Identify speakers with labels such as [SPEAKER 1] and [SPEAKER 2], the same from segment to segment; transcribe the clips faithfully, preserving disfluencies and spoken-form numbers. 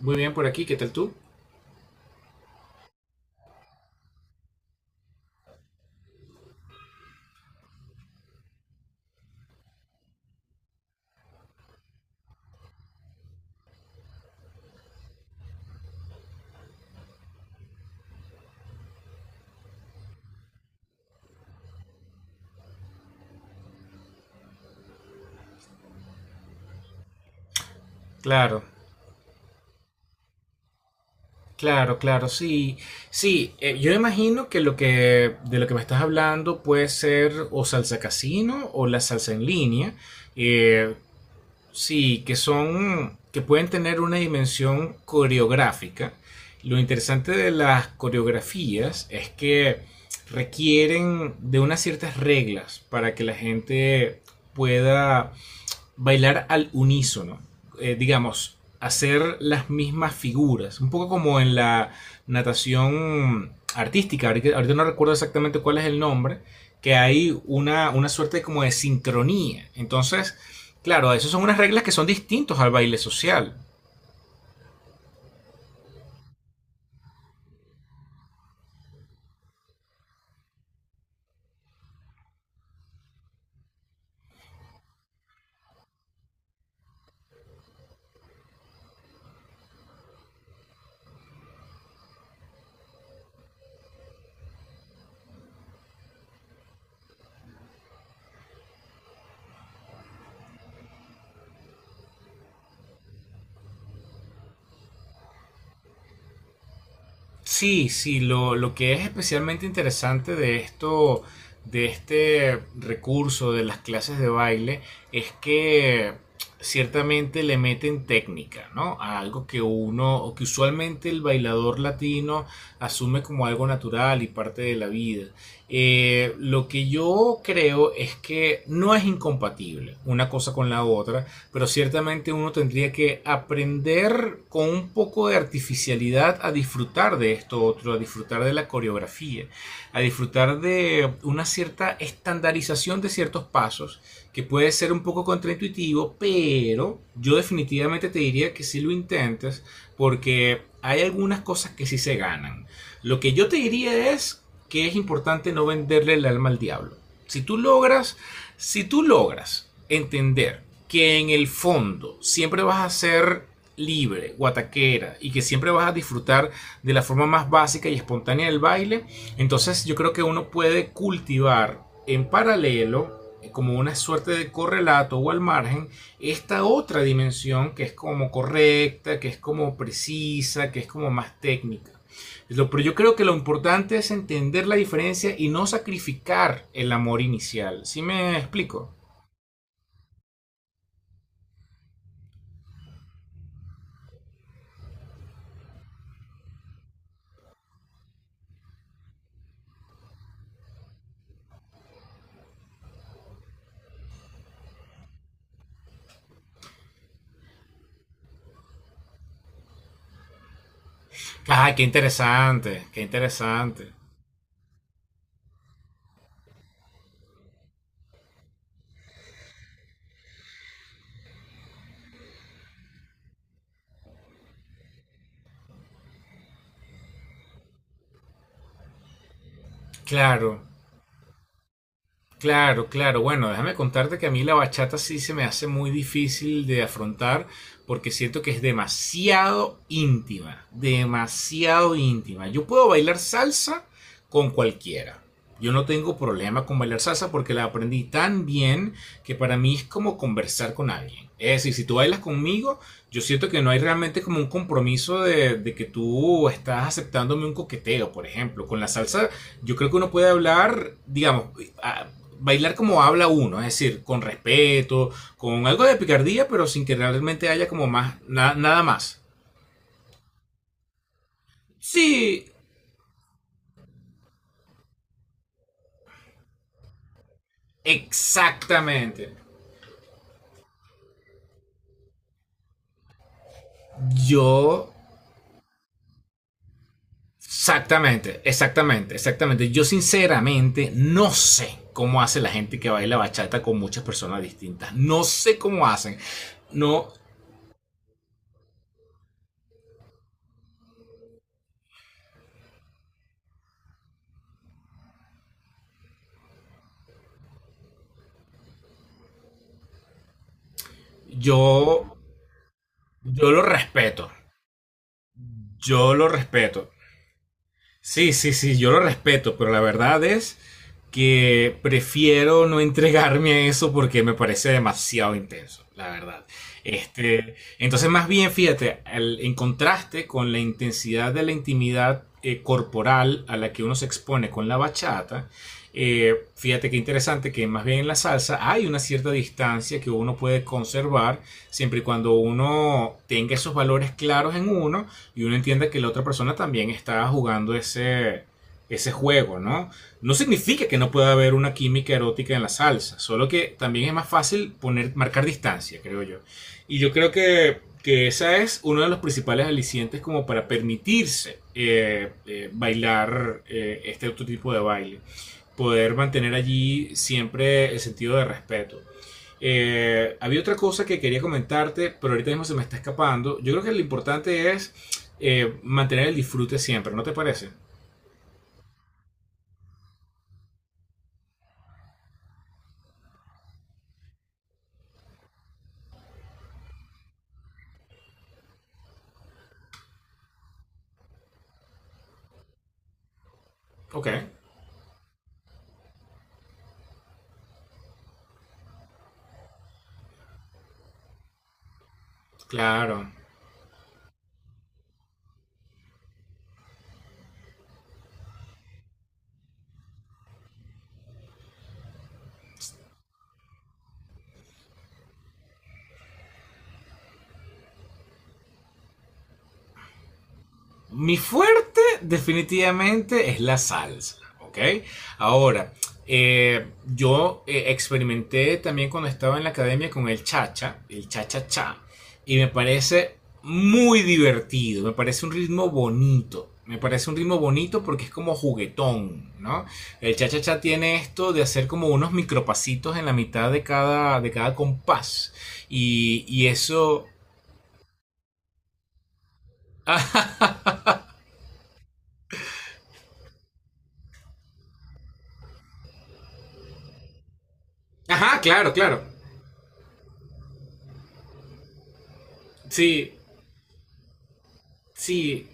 [SPEAKER 1] Muy bien por aquí, ¿qué tal tú? Claro, claro, claro, sí. Sí, eh, yo imagino que lo que de lo que me estás hablando puede ser o salsa casino o la salsa en línea. eh, sí, que son que pueden tener una dimensión coreográfica. Lo interesante de las coreografías es que requieren de unas ciertas reglas para que la gente pueda bailar al unísono, eh, digamos, hacer las mismas figuras, un poco como en la natación artística, ahorita, ahorita no recuerdo exactamente cuál es el nombre, que hay una, una suerte como de sincronía. Entonces, claro, esas son unas reglas que son distintas al baile social. Sí, sí, lo, lo que es especialmente interesante de esto, de este recurso de las clases de baile, es que ciertamente le meten técnica, ¿no? A algo que uno, o que usualmente el bailador latino asume como algo natural y parte de la vida. Eh, lo que yo creo es que no es incompatible una cosa con la otra, pero ciertamente uno tendría que aprender con un poco de artificialidad a disfrutar de esto otro, a disfrutar de la coreografía, a disfrutar de una cierta estandarización de ciertos pasos, que puede ser un poco contraintuitivo, pero yo definitivamente te diría que si lo intentes, porque hay algunas cosas que sí se ganan. Lo que yo te diría es que es importante no venderle el alma al diablo. Si tú logras si tú logras entender que en el fondo siempre vas a ser libre, guataquera, y que siempre vas a disfrutar de la forma más básica y espontánea del baile, entonces yo creo que uno puede cultivar en paralelo como una suerte de correlato o al margen esta otra dimensión que es como correcta, que es como precisa, que es como más técnica. Pero yo creo que lo importante es entender la diferencia y no sacrificar el amor inicial. ¿Sí me explico? Ah, qué interesante, qué interesante. Claro. Claro, claro. Bueno, déjame contarte que a mí la bachata sí se me hace muy difícil de afrontar porque siento que es demasiado íntima, demasiado íntima. Yo puedo bailar salsa con cualquiera. Yo no tengo problema con bailar salsa porque la aprendí tan bien que para mí es como conversar con alguien. Es decir, si tú bailas conmigo, yo siento que no hay realmente como un compromiso de, de que tú estás aceptándome un coqueteo, por ejemplo. Con la salsa yo creo que uno puede hablar, digamos, a- bailar como habla uno, es decir, con respeto, con algo de picardía, pero sin que realmente haya como más, na- nada más. Sí, exactamente. Yo, exactamente, exactamente, exactamente. Yo sinceramente no sé cómo hace la gente que baila bachata con muchas personas distintas. No sé cómo hacen. No, yo, yo lo respeto. Yo lo respeto. Sí, sí, sí, yo lo respeto, pero la verdad es que prefiero no entregarme a eso porque me parece demasiado intenso, la verdad. Este, entonces, más bien, fíjate, al- en contraste con la intensidad de la intimidad eh, corporal a la que uno se expone con la bachata, eh, fíjate qué interesante que más bien en la salsa hay una cierta distancia que uno puede conservar siempre y cuando uno tenga esos valores claros en uno y uno entienda que la otra persona también está jugando ese, ese juego, ¿no? No significa que no pueda haber una química erótica en la salsa, solo que también es más fácil poner, marcar distancia, creo yo. Y yo creo que, que esa es uno de los principales alicientes como para permitirse eh, eh, bailar eh, este otro tipo de baile. Poder mantener allí siempre el sentido de respeto. Eh, había otra cosa que quería comentarte, pero ahorita mismo se me está escapando. Yo creo que lo importante es eh, mantener el disfrute siempre, ¿no te parece? Ok, claro. Mi fuerte definitivamente es la salsa, ¿ok? Ahora, eh, yo eh, experimenté también cuando estaba en la academia con el cha cha, el cha-cha-cha, y me parece muy divertido, me parece un ritmo bonito. Me parece un ritmo bonito porque es como juguetón, ¿no? El cha-cha-cha tiene esto de hacer como unos micropasitos en la mitad de cada, de cada compás. Y, y eso... Ajá, claro, claro. Sí, sí,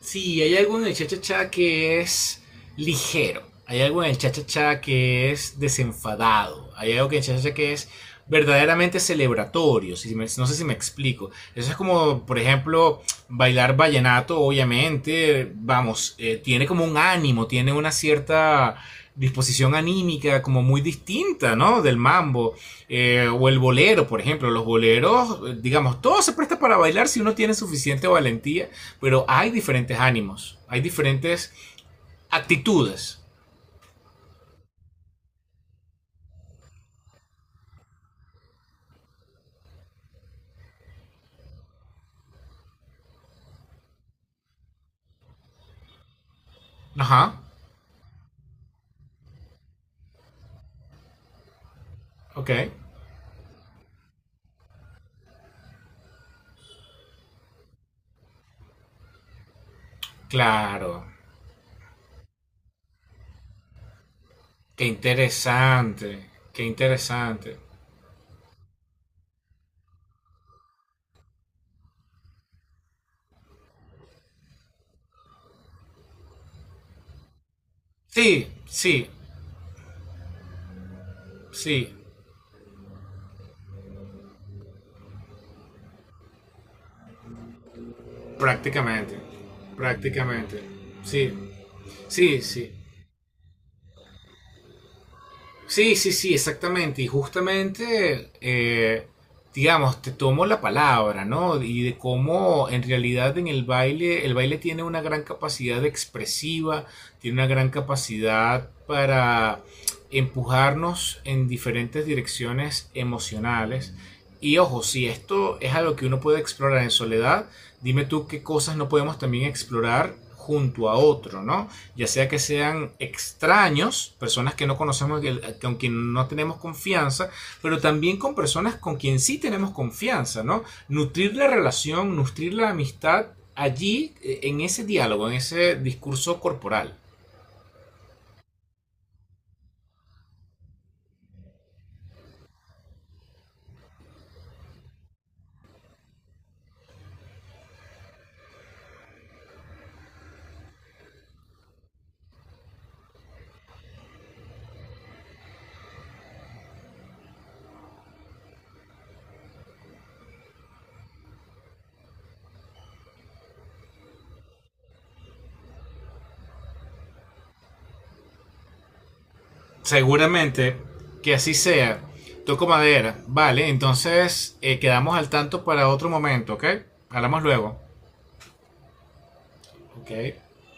[SPEAKER 1] sí, hay algo en el cha-cha-cha que es ligero. Hay algo en el cha-cha-cha que es desenfadado. Hay algo que en el cha-cha-cha que es verdaderamente celebratorio. Si me- no sé si me explico. Eso es como, por ejemplo, bailar vallenato, obviamente, vamos, eh, tiene como un ánimo, tiene una cierta disposición anímica como muy distinta, ¿no? Del mambo. Eh, o el bolero, por ejemplo, los boleros, digamos, todo se presta para bailar si uno tiene suficiente valentía, pero hay diferentes ánimos, hay diferentes actitudes. Ajá, ok, claro, qué interesante, qué interesante. Sí, sí, sí, prácticamente, prácticamente, sí, sí, sí. Sí, sí, sí, exactamente. Y justamente, eh, digamos, te tomo la palabra, ¿no? Y de cómo en realidad en el baile, el baile tiene una gran capacidad expresiva, tiene una gran capacidad para empujarnos en diferentes direcciones emocionales. Y ojo, si esto es algo que uno puede explorar en soledad, dime tú qué cosas no podemos también explorar junto a otro, ¿no? Ya sea que sean extraños, personas que no conocemos, con quien no tenemos confianza, pero también con personas con quien sí tenemos confianza, ¿no? Nutrir la relación, nutrir la amistad allí, eh, en ese diálogo, en ese discurso corporal. Seguramente que así sea. Toco madera. Vale, entonces eh, quedamos al tanto para otro momento, ¿ok? Hablamos luego. Ok.